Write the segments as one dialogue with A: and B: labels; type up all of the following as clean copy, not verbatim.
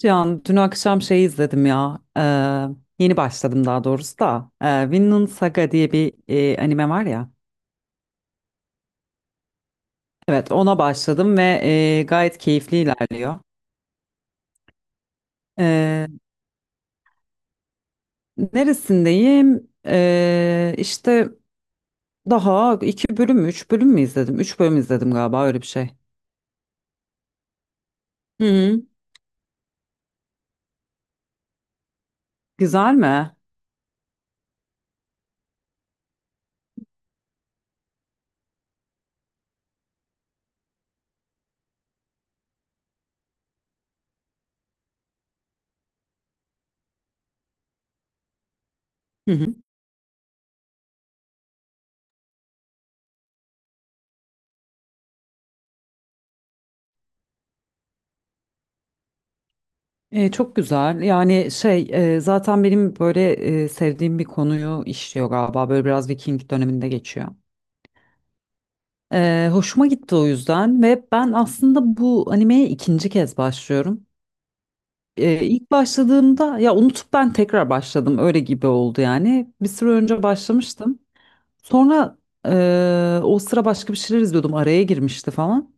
A: Can, dün akşam şey izledim ya. Yeni başladım daha doğrusu da. Vinland Saga diye bir anime var ya. Evet, ona başladım ve gayet keyifli ilerliyor. Ee, neresindeyim? İşte daha iki bölüm mü, üç bölüm mü izledim? Üç bölüm izledim galiba öyle bir şey. Hı hı. Güzel mi? Hı hı. Çok güzel. Yani şey zaten benim böyle sevdiğim bir konuyu işliyor galiba. Böyle biraz Viking döneminde geçiyor. Hoşuma gitti o yüzden ve ben aslında bu animeye ikinci kez başlıyorum. İlk başladığımda ya unutup ben tekrar başladım öyle gibi oldu yani. Bir süre önce başlamıştım. Sonra o sıra başka bir şeyler izliyordum araya girmişti falan.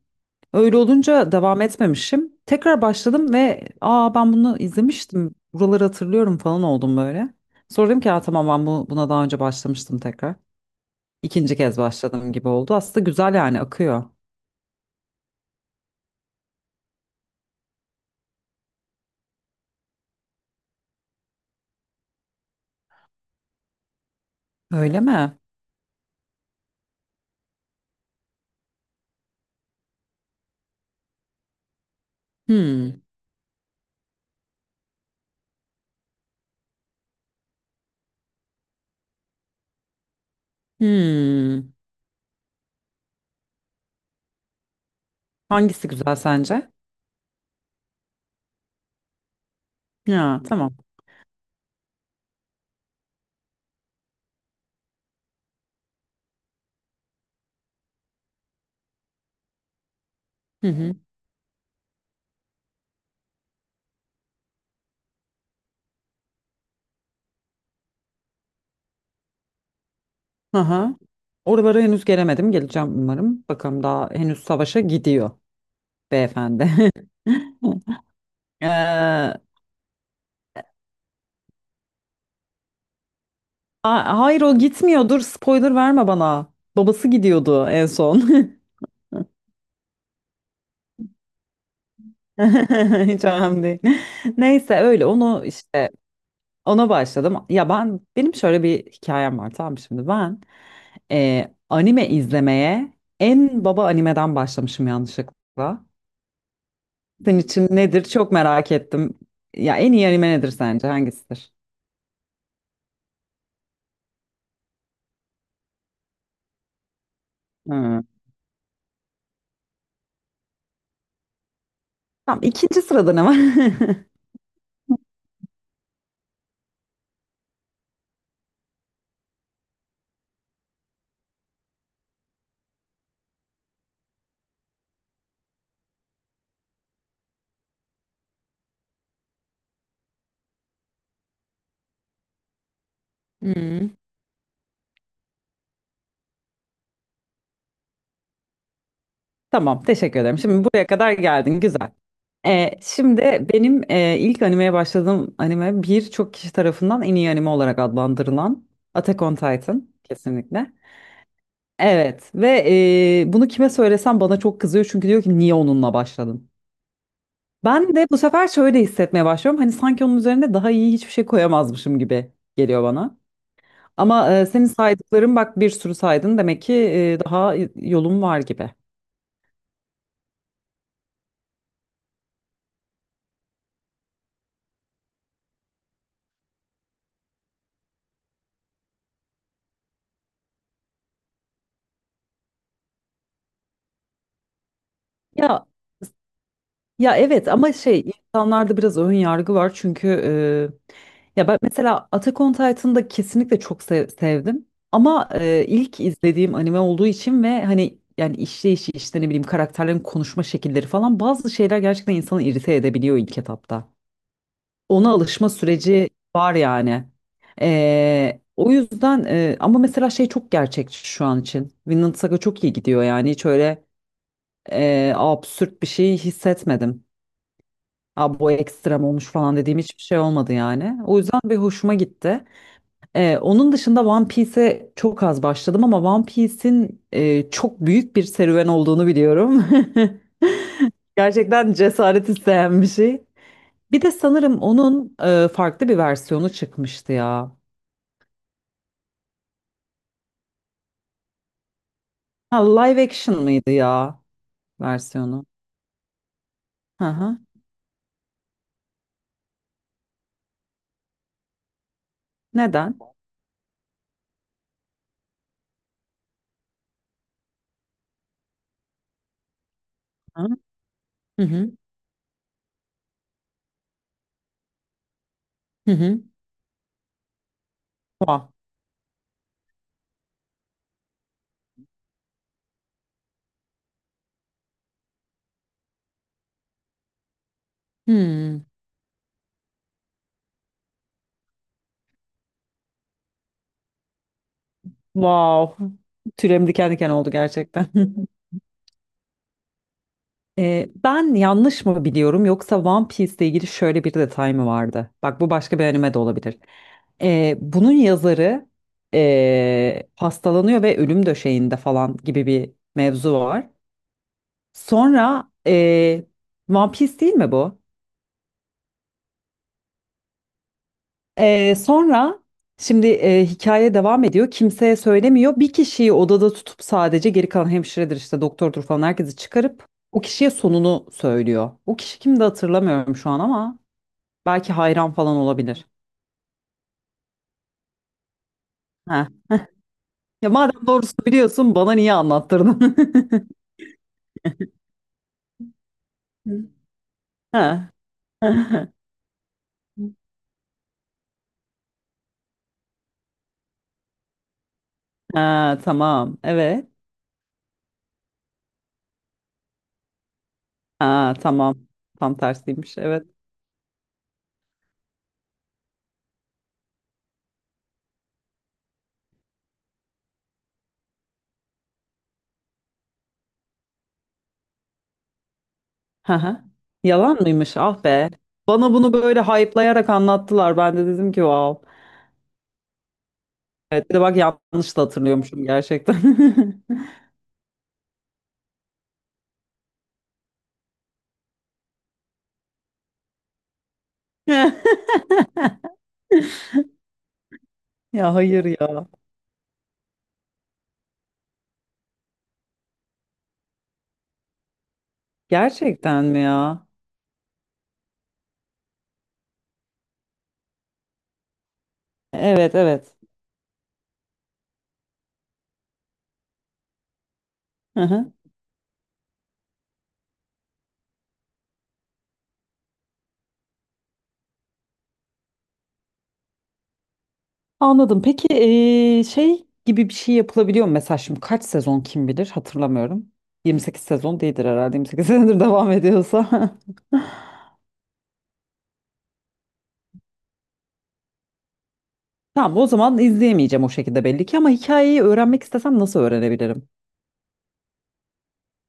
A: Öyle olunca devam etmemişim. Tekrar başladım ve aa, ben bunu izlemiştim, buraları hatırlıyorum falan oldum böyle. Sonra dedim ki "Aa, tamam ben buna daha önce başlamıştım tekrar." İkinci kez başladım gibi oldu. Aslında güzel yani akıyor. Öyle mi? Hmm. Hmm. Hangisi güzel sence? Ya tamam. Hı hı. Aha. Oralara henüz gelemedim. Geleceğim umarım. Bakalım daha henüz savaşa gidiyor beyefendi. Ee, a- hayır o gitmiyor. Dur spoiler verme bana. Babası gidiyordu en son. Hiç önemli değil. Neyse öyle onu işte. Ona başladım. Ya ben benim şöyle bir hikayem var, tamam mı? Şimdi ben anime izlemeye en baba animeden başlamışım yanlışlıkla. Senin için nedir? Çok merak ettim. Ya en iyi anime nedir sence? Hangisidir? Hmm. Tamam, ikinci sırada ne var? Hmm. Tamam, teşekkür ederim. Şimdi buraya kadar geldin, güzel. Şimdi benim ilk animeye başladığım anime, birçok kişi tarafından en iyi anime olarak adlandırılan Attack on Titan, kesinlikle. Evet, ve bunu kime söylesem bana çok kızıyor, çünkü diyor ki niye onunla başladın? Ben de bu sefer şöyle hissetmeye başlıyorum. Hani sanki onun üzerine daha iyi hiçbir şey koyamazmışım gibi geliyor bana. Ama senin saydıkların, bak bir sürü saydın, demek ki daha yolum var gibi. Ya Ya evet, ama şey, insanlarda biraz ön yargı var, çünkü ya ben mesela Attack on Titan'ı da kesinlikle çok sevdim, ama ilk izlediğim anime olduğu için ve hani yani işleyişi, işte ne bileyim, karakterlerin konuşma şekilleri falan, bazı şeyler gerçekten insanı irite edebiliyor ilk etapta. Ona alışma süreci var yani. O yüzden ama mesela şey, çok gerçekçi şu an için. Vinland Saga çok iyi gidiyor, yani hiç öyle absürt bir şey hissetmedim. Aa, bu ekstrem olmuş falan dediğim hiçbir şey olmadı yani. O yüzden bir hoşuma gitti. Onun dışında One Piece'e çok az başladım, ama One Piece'in çok büyük bir serüven olduğunu biliyorum. Gerçekten cesaret isteyen bir şey. Bir de sanırım onun farklı bir versiyonu çıkmıştı ya. Ha, live action mıydı ya versiyonu? Hı hı. Neden? Hı hı. Hı hı. Wow. Hmm. Wow. Tüylerim diken diken oldu gerçekten. Ben yanlış mı biliyorum, yoksa One Piece ile ilgili şöyle bir detay mı vardı? Bak, bu başka bir anime de olabilir. Bunun yazarı hastalanıyor ve ölüm döşeğinde falan gibi bir mevzu var. Sonra One Piece değil mi bu? Sonra şimdi hikaye devam ediyor. Kimseye söylemiyor. Bir kişiyi odada tutup, sadece geri kalan hemşiredir işte, doktordur falan, herkesi çıkarıp o kişiye sonunu söylüyor. O kişi kimdi hatırlamıyorum şu an ama. Belki hayran falan olabilir. Ha. Ya madem doğrusunu biliyorsun, bana niye anlattırdın? Ha. Ha, tamam. Evet. Ha, tamam. Tam tersiymiş. Evet. Ha, yalan mıymış? Ah be. Bana bunu böyle hype'layarak anlattılar. Ben de dedim ki wow. Evet, bir de bak, yanlış da hatırlıyormuşum gerçekten. Ya hayır ya. Gerçekten mi ya? Evet, evet. Hı hı. Anladım. Peki şey gibi bir şey yapılabiliyor mu? Mesela şimdi kaç sezon, kim bilir, hatırlamıyorum. 28 sezon değildir herhalde. 28 senedir devam ediyorsa. Tamam, o zaman izleyemeyeceğim o şekilde belli ki, ama hikayeyi öğrenmek istesem nasıl öğrenebilirim?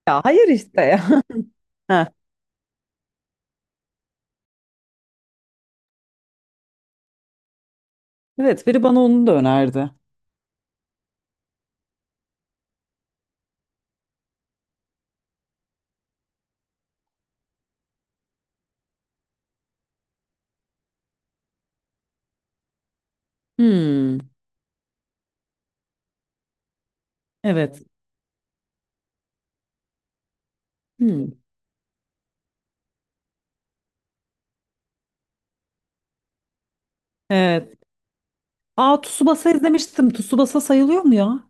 A: Ya hayır işte ya. Heh. Evet, biri bana onu da önerdi. Hmm. Evet. Hmm. Evet. Aa, Tsubasa izlemiştim. Tsubasa sayılıyor mu ya?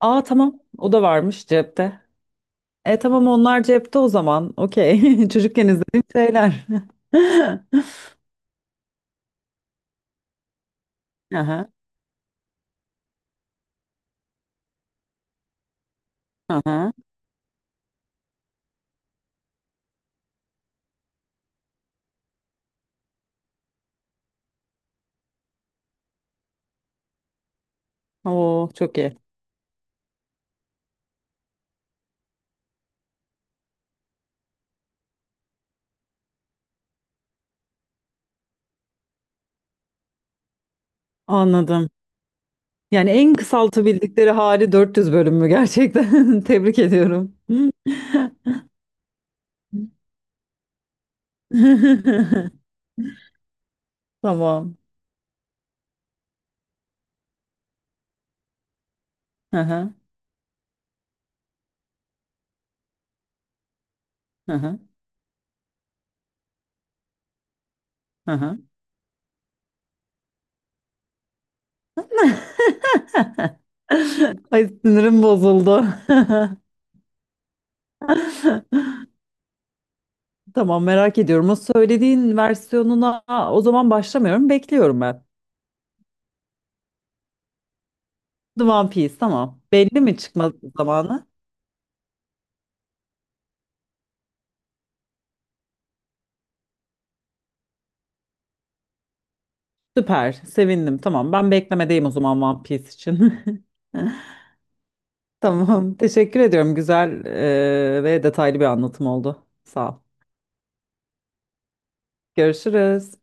A: Aa, tamam, o da varmış cepte. Tamam, onlar cepte o zaman. Okey. Çocukken izlediğim şeyler. Aha, aha. Oo, çok iyi. Anladım. Yani en kısaltabildikleri hali 400 bölüm mü gerçekten? Tebrik ediyorum. Tamam. Aha, aha, aha. Ay, sinirim bozuldu. Tamam, merak ediyorum. O söylediğin versiyonuna o zaman başlamıyorum. Bekliyorum ben. The One Piece, tamam. Belli mi çıkma zamanı? Süper. Sevindim. Tamam. Ben beklemedeyim o zaman One Piece için. Tamam. Teşekkür ediyorum. Güzel ve detaylı bir anlatım oldu. Sağ ol. Görüşürüz.